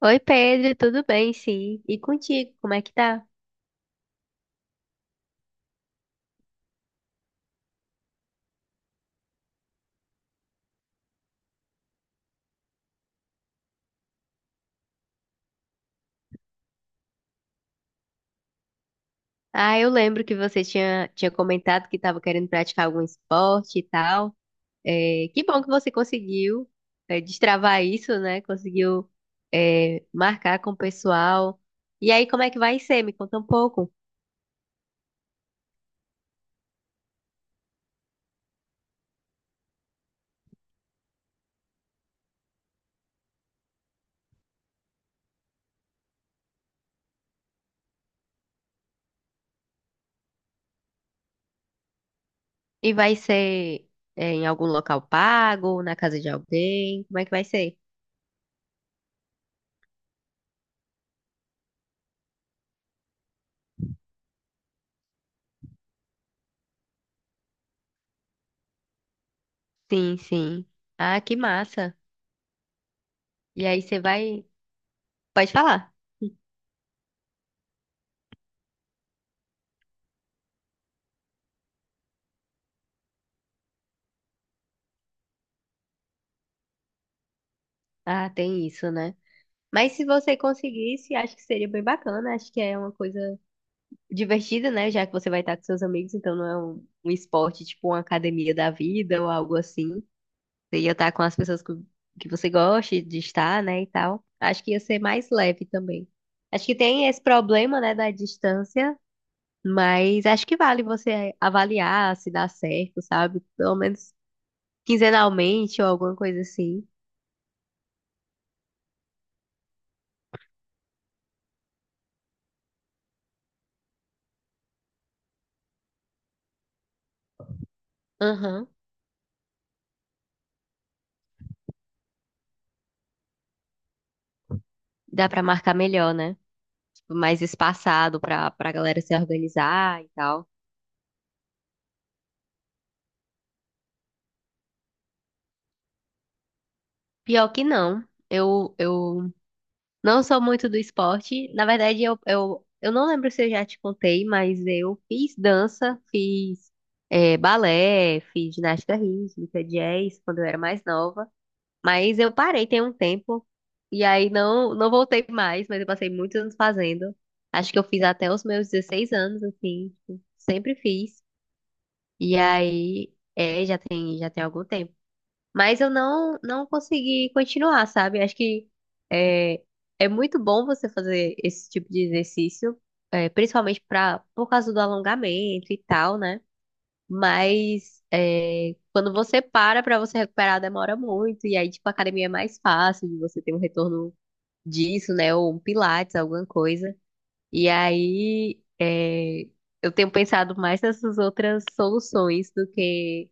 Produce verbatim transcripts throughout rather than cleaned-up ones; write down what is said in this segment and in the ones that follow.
Oi, Pedro, tudo bem? Sim. E contigo, como é que tá? Ah, eu lembro que você tinha, tinha comentado que estava querendo praticar algum esporte e tal. É, que bom que você conseguiu, é, destravar isso, né? Conseguiu, é, marcar com o pessoal. E aí, como é que vai ser? Me conta um pouco. E vai ser, é, em algum local pago, na casa de alguém? Como é que vai ser? Sim, sim. Ah, que massa. E aí, você vai. Pode falar. Ah, tem isso, né? Mas se você conseguisse, acho que seria bem bacana, né? Acho que é uma coisa divertida, né? Já que você vai estar com seus amigos, então não é um, um esporte tipo uma academia da vida ou algo assim. Você ia estar com as pessoas que, que você gosta de estar, né? E tal. Acho que ia ser mais leve também. Acho que tem esse problema, né, da distância, mas acho que vale você avaliar se dá certo, sabe? Pelo menos quinzenalmente ou alguma coisa assim. Aham. Dá pra marcar melhor, né? Mais espaçado pra, pra galera se organizar e tal. Pior que não. Eu, eu não sou muito do esporte. Na verdade, eu, eu, eu não lembro se eu já te contei, mas eu fiz dança, fiz eh, balé, fiz ginástica rítmica, jazz, quando eu era mais nova. Mas eu parei tem um tempo. E aí não, não voltei mais, mas eu passei muitos anos fazendo. Acho que eu fiz até os meus dezesseis anos, assim. Tipo, sempre fiz. E aí, é, já tem, já tem algum tempo. Mas eu não, não consegui continuar, sabe? Acho que é, é muito bom você fazer esse tipo de exercício, é, principalmente pra, por causa do alongamento e tal, né? Mas é, quando você para pra você recuperar, demora muito. E aí, tipo, a academia é mais fácil de você ter um retorno disso, né? Ou um pilates, alguma coisa. E aí, é, eu tenho pensado mais nessas outras soluções do que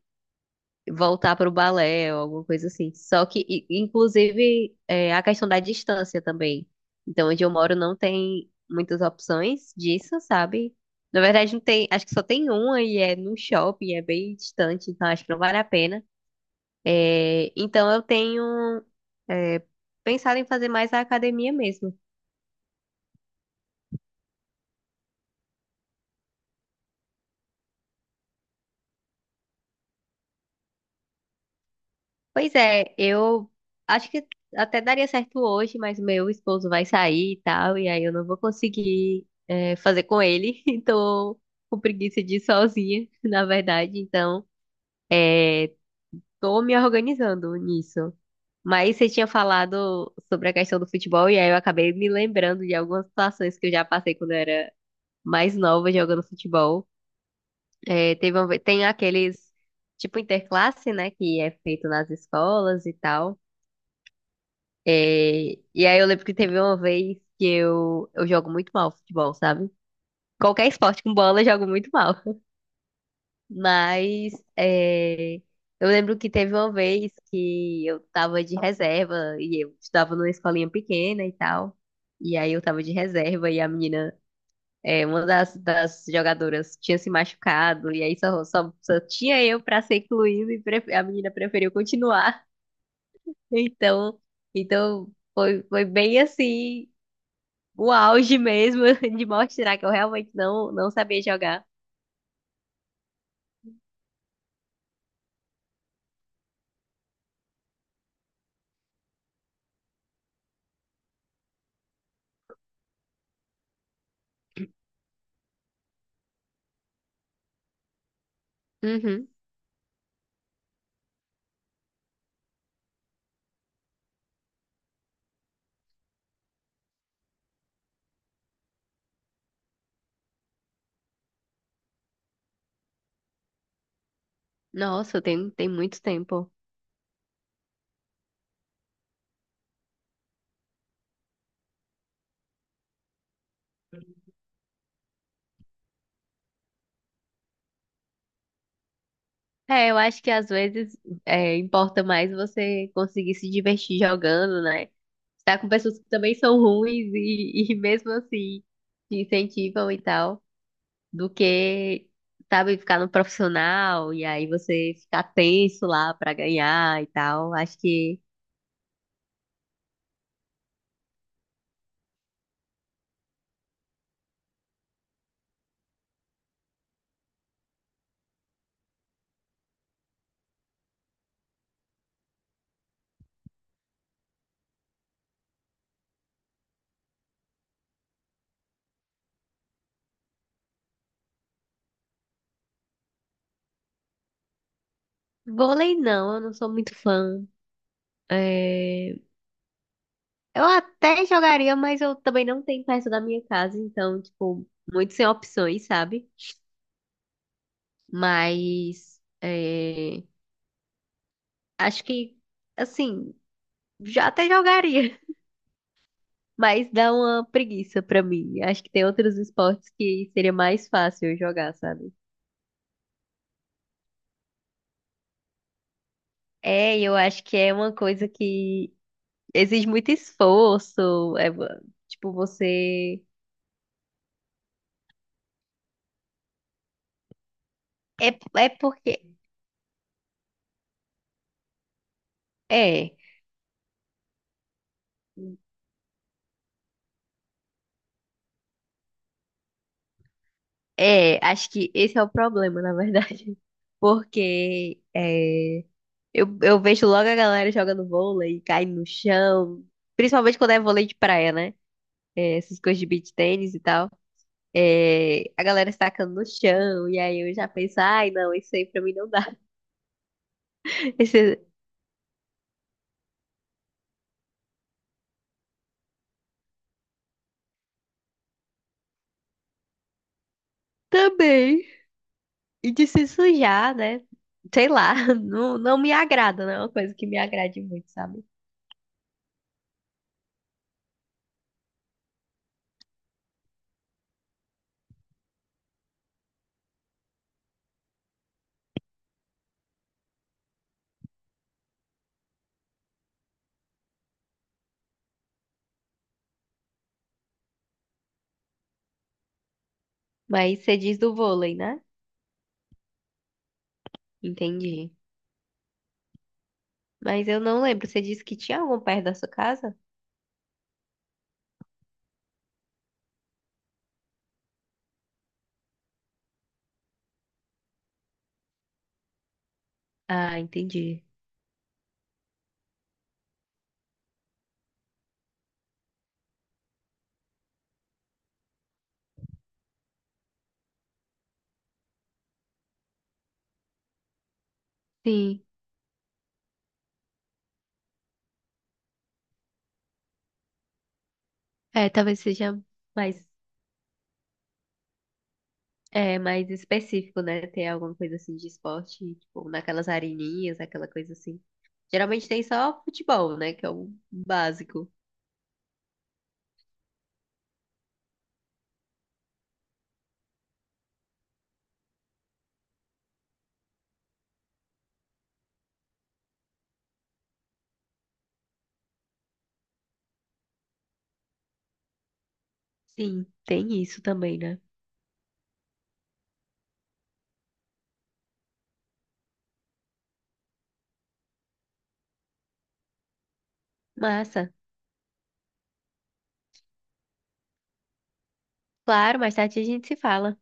voltar para o balé ou alguma coisa assim. Só que, i- inclusive, é, a questão da distância também. Então, onde eu moro não tem muitas opções disso, sabe? Na verdade, não tem, acho que só tem uma e é no shopping, é bem distante, então acho que não vale a pena. É, então, eu tenho, é, pensado em fazer mais a academia mesmo. Pois é, eu acho que até daria certo hoje, mas meu esposo vai sair e tal, e aí eu não vou conseguir, é, fazer com ele, e tô com preguiça de ir sozinha, na verdade, então é, tô me organizando nisso. Mas você tinha falado sobre a questão do futebol, e aí eu acabei me lembrando de algumas situações que eu já passei quando eu era mais nova jogando futebol. É, teve uma ve- tem aqueles, tipo interclasse, né, que é feito nas escolas e tal. É, e aí eu lembro que teve uma vez que eu, eu jogo muito mal futebol, sabe? Qualquer esporte com bola eu jogo muito mal. Mas é, eu lembro que teve uma vez que eu tava de reserva e eu estudava numa escolinha pequena e tal. E aí eu tava de reserva e a menina, é, uma das, das jogadoras tinha se machucado e aí só, só, só tinha eu pra ser incluído e prefe- a menina preferiu continuar. Então, então foi, foi bem assim o auge mesmo de mostrar que eu realmente não, não sabia jogar. Uhum. Nossa, tem, tem muito tempo. É, eu acho que às vezes é, importa mais você conseguir se divertir jogando, né? Estar com pessoas que também são ruins e, e mesmo assim te incentivam e tal, do que, sabe, ficar no profissional e aí você ficar tenso lá pra ganhar e tal. Acho que vôlei não, eu não sou muito fã. É, eu até jogaria, mas eu também não tenho perto da minha casa, então, tipo, muito sem opções, sabe? Mas é, acho que, assim, já até jogaria, mas dá uma preguiça pra mim. Acho que tem outros esportes que seria mais fácil eu jogar, sabe? É, eu acho que é uma coisa que exige muito esforço, é, tipo, você... É, é porque... É, é, acho que esse é o problema, na verdade. Porque é, eu, eu vejo logo a galera jogando vôlei, cai no chão. Principalmente quando é vôlei de praia, né? É, essas coisas de beach tênis e tal. É, a galera se tacando no chão. E aí eu já penso, ai, não, isso aí pra mim não dá. Esse, também. E de se sujar, né? Sei lá, não, não me agrada, não é uma coisa que me agrade muito, sabe? Mas você diz do vôlei, né? Entendi. Mas eu não lembro. Você disse que tinha algum perto da sua casa? Ah, entendi. Sim. É, talvez seja mais, é, mais específico, né? Ter alguma coisa assim de esporte, tipo, naquelas areninhas, aquela coisa assim. Geralmente tem só futebol, né? Que é o básico. Sim, tem isso também, né? Massa. Claro, mais tarde a gente se fala.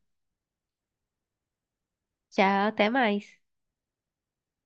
Tchau, até mais.